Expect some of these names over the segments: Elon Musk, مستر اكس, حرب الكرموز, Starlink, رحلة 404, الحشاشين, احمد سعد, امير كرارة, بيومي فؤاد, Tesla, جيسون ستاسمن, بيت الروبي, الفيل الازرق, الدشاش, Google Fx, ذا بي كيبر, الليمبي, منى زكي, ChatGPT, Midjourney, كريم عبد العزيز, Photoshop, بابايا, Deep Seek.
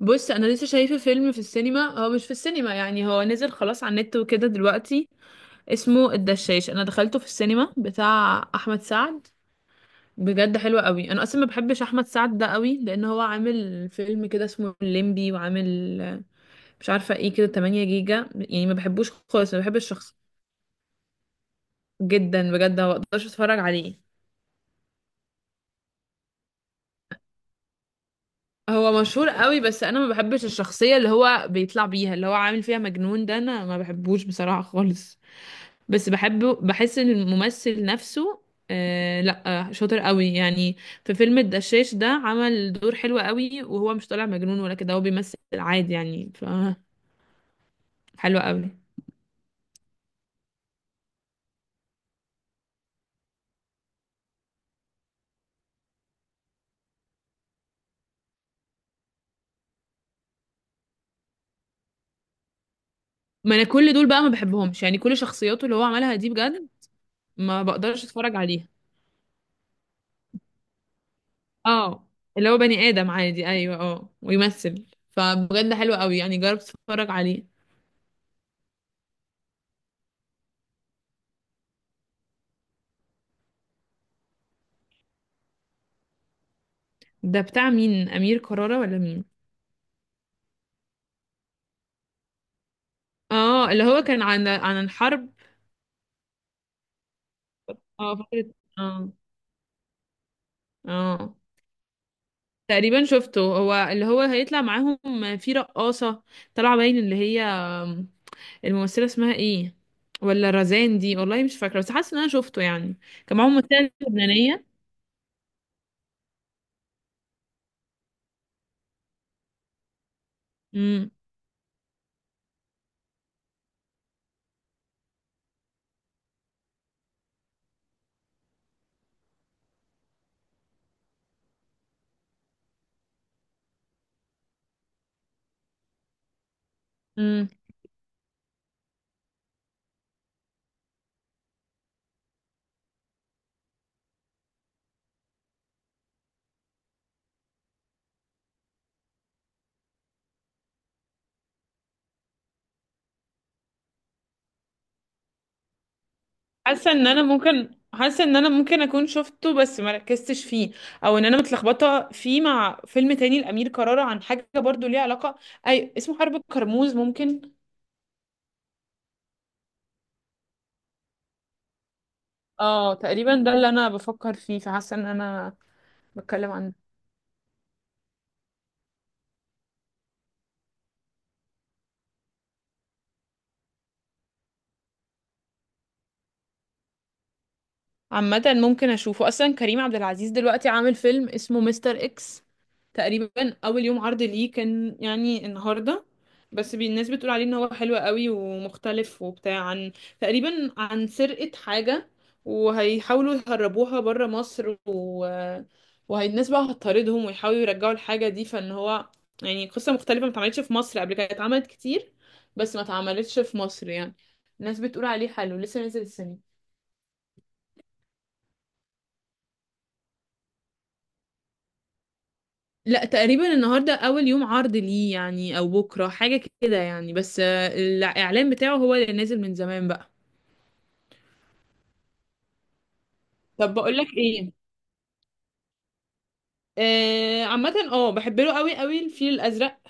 بص انا لسه شايفه فيلم في السينما، هو مش في السينما يعني، هو نزل خلاص على النت وكده دلوقتي. اسمه الدشاش، انا دخلته في السينما، بتاع احمد سعد. بجد حلو قوي. انا اصلا ما بحبش احمد سعد ده قوي، لان هو عامل فيلم كده اسمه الليمبي، وعامل مش عارفه ايه كده 8 جيجا يعني، ما بحبوش خالص، ما بحبش الشخص. جدا بجد ما بقدرش اتفرج عليه. هو مشهور قوي بس انا ما بحبش الشخصيه اللي هو بيطلع بيها، اللي هو عامل فيها مجنون ده، انا ما بحبوش بصراحه خالص. بس بحبه، بحس ان الممثل نفسه. آه لا. آه، شاطر قوي يعني. في فيلم الدشاش ده عمل دور حلو قوي، وهو مش طالع مجنون ولا كده، هو بيمثل عادي يعني. ف حلو قوي. ما انا كل دول بقى ما بحبهمش يعني، كل شخصياته اللي هو عملها دي بجد ما بقدرش اتفرج عليها. اه، اللي هو بني ادم عادي، ايوه اه، ويمثل. فبجد حلو قوي، يعني جرب تتفرج عليه. ده بتاع مين، امير كرارة ولا مين؟ اه اللي هو كان عن الحرب. اه فكرة. اه. اه تقريبا شفته، هو اللي هو هيطلع معاهم في رقاصة طالعة باين، اللي هي الممثلة اسمها ايه، ولا رزان دي والله، مش فاكرة بس حاسة ان انا شفته يعني. كان معاهم ممثلة لبنانية. امم. امم. حاسة ان انا ممكن اكون شفته بس ما ركزتش فيه، او ان انا متلخبطة فيه مع فيلم تاني لأمير كرارة عن حاجة برضو ليها علاقة. اي اسمه حرب الكرموز ممكن. اه تقريبا ده اللي انا بفكر فيه، فحاسة ان انا بتكلم عن... عامة ممكن اشوفه. اصلا كريم عبد العزيز دلوقتي عامل فيلم اسمه مستر اكس، تقريبا اول يوم عرض ليه كان يعني النهارده. بس الناس بتقول عليه ان هو حلو قوي ومختلف وبتاع، عن تقريبا عن سرقة حاجة، وهيحاولوا يهربوها بره مصر وهالناس بقى هتطاردهم ويحاولوا يرجعوا الحاجة دي، فان هو يعني قصة مختلفة ما اتعملتش في مصر قبل كده، اتعملت كتير بس ما اتعملتش في مصر يعني. الناس بتقول عليه حلو، لسه نازل السنة. لا تقريبا النهارده اول يوم عرض ليه يعني، او بكره حاجه كده يعني، بس آه، الاعلان بتاعه هو اللي نازل من زمان بقى. طب بقول لك ايه. آه عامه اه بحب له قوي قوي، الفيل الازرق،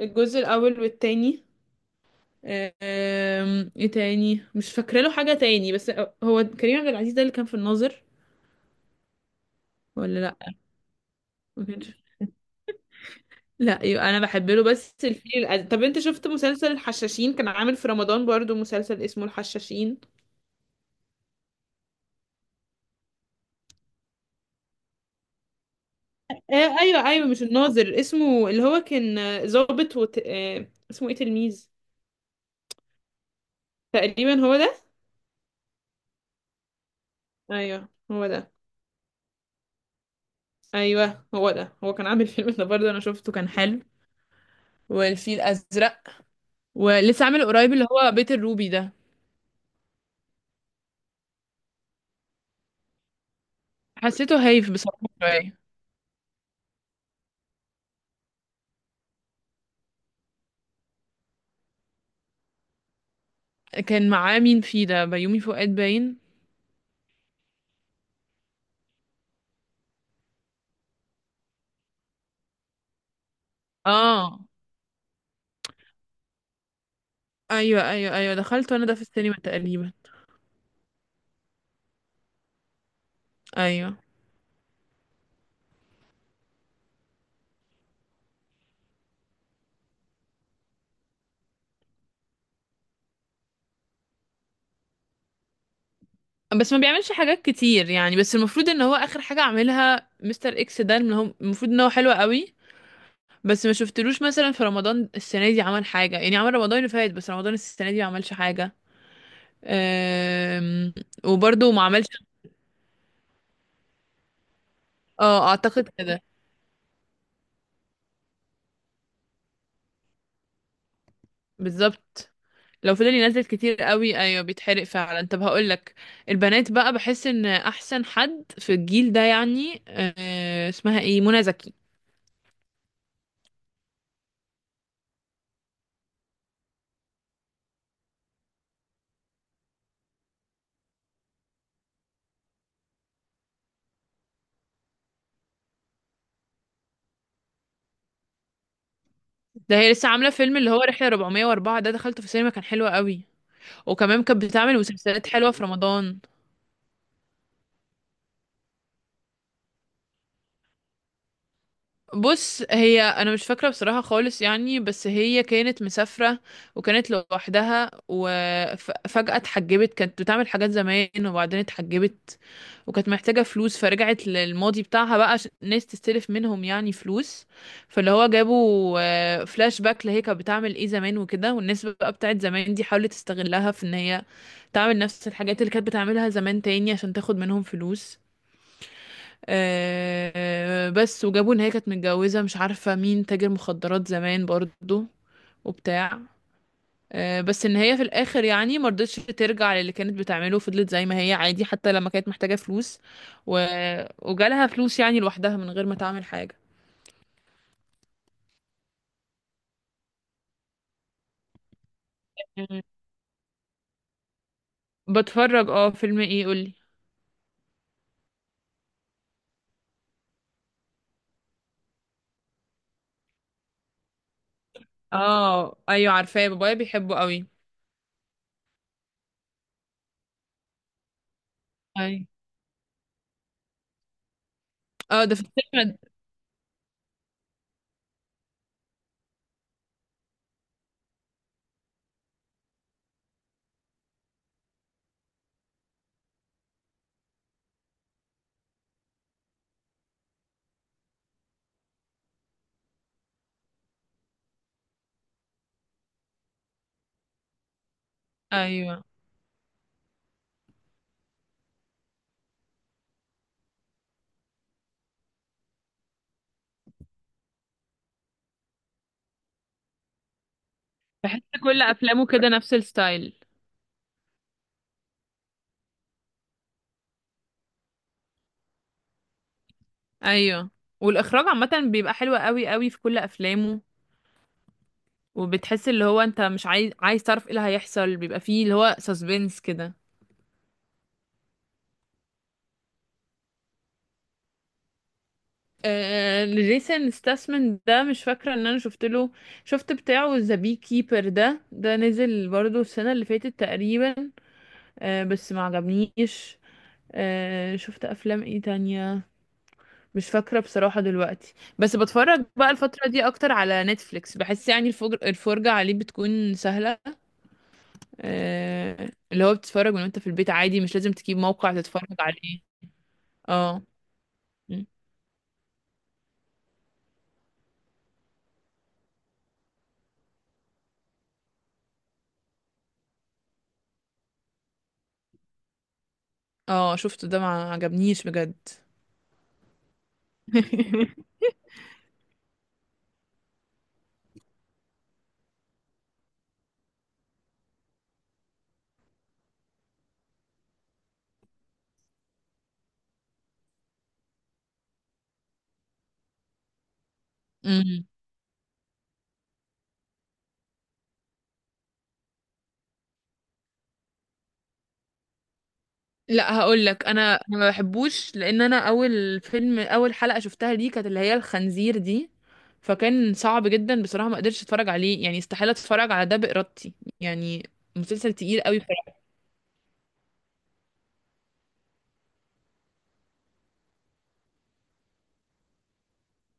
الجزء الاول والتاني. آه ايه تاني مش فاكره له حاجه تاني بس. هو كريم عبد العزيز ده اللي كان في الناظر ولا لا؟ ما كانش. لا يبقى انا بحب له بس الفيل الازرق. طب انت شفت مسلسل الحشاشين؟ كان عامل في رمضان برضو مسلسل اسمه الحشاشين. آه ايوه ايوه، مش الناظر اسمه، اللي هو كان آه، ظابط آه اسمه ايه، تلميذ. تقريبا هو ده. ايوه هو ده. ايوه هو ده، هو كان عامل فيلم ده برضه انا شفته، كان حلو، والفيل الازرق. ولسه عامل قريب اللي هو بيت الروبي ده. حسيته هايف بصراحه شويه. كان معاه مين فيه ده، بيومي فؤاد باين؟ اه ايوه ايوه ايوه، دخلته انا ده في السينما تقريبا. ايوه بس ما بيعملش حاجات كتير يعني، بس المفروض ان هو اخر حاجه عملها مستر اكس ده، اللي هو المفروض ان هو حلو قوي. بس ما شفتلوش مثلا في رمضان السنة دي عمل حاجة يعني، عمل رمضان اللي فات بس رمضان السنة دي ما عملش حاجة. أم... وبرضه ما عملش. اه اعتقد كده. بالظبط. لو فضل ينزل كتير قوي، ايوه بيتحرق فعلا. طب هقول لك، البنات بقى، بحس ان احسن حد في الجيل ده يعني اسمها ايه، منى زكي. ده هي لسه عاملة فيلم اللي هو رحلة 404 ده، دخلته في السينما كان حلو قوي. وكمان كانت بتعمل مسلسلات حلوة في رمضان. بص هي انا مش فاكره بصراحه خالص يعني، بس هي كانت مسافره، وكانت لوحدها وفجاه اتحجبت، كانت بتعمل حاجات زمان وبعدين اتحجبت، وكانت محتاجه فلوس، فرجعت للماضي بتاعها بقى عشان الناس تستلف منهم يعني فلوس. فاللي هو جابوا فلاش باك لهي كانت بتعمل ايه زمان وكده، والناس بقى بتاعت زمان دي حاولت تستغلها في ان هي تعمل نفس الحاجات اللي كانت بتعملها زمان تاني عشان تاخد منهم فلوس. آه بس وجابوا ان هي كانت متجوزة مش عارفة مين، تاجر مخدرات زمان برضو وبتاع. آه بس ان هي في الاخر يعني مرضتش ترجع للي كانت بتعمله، فضلت زي ما هي عادي، حتى لما كانت محتاجة فلوس و... وجالها فلوس يعني لوحدها من غير ما تعمل حاجة. مم. بتفرج اه، فيلم ايه قولي. اه ايوه عارفاه، بابايا بيحبه قوي. اي. اه ده في السينما؟ ايوه. بحس كل افلامه كده نفس الستايل. ايوه، والاخراج عامه بيبقى حلو قوي قوي في كل افلامه. وبتحس اللي هو انت مش عايز تعرف ايه اللي هيحصل، بيبقى فيه اللي هو سسبنس كده. جيسون ستاسمن ده مش فاكره ان انا شفت له. شفت بتاعه ذا بي كيبر ده نزل برضو السنه اللي فاتت تقريبا. بس ما عجبنيش. شفت افلام ايه تانية، مش فاكره بصراحه دلوقتي. بس بتفرج بقى الفتره دي اكتر على نتفليكس، بحس يعني الفرجه عليه بتكون سهله. آه، اللي هو بتتفرج من وانت في البيت عادي، مش لازم تجيب موقع تتفرج عليه. اه. م. اه شفته ده، ما عجبنيش بجد. مم. لا هقول لك، انا ما بحبوش، لان انا اول حلقة شفتها دي كانت اللي هي الخنزير دي، فكان صعب جدا بصراحة، ما قدرتش اتفرج عليه يعني، استحالة اتفرج على ده بإرادتي يعني. مسلسل تقيل قوي بصراحة.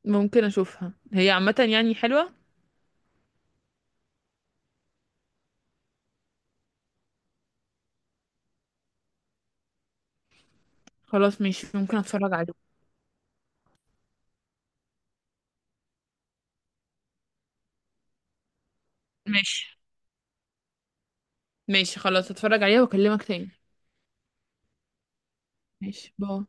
ممكن اشوفها، هي عامة يعني حلوة. خلاص ماشي ممكن اتفرج عليه. ماشي. ماشي خلاص، اتفرج عليها واكلمك تاني. ماشي باي.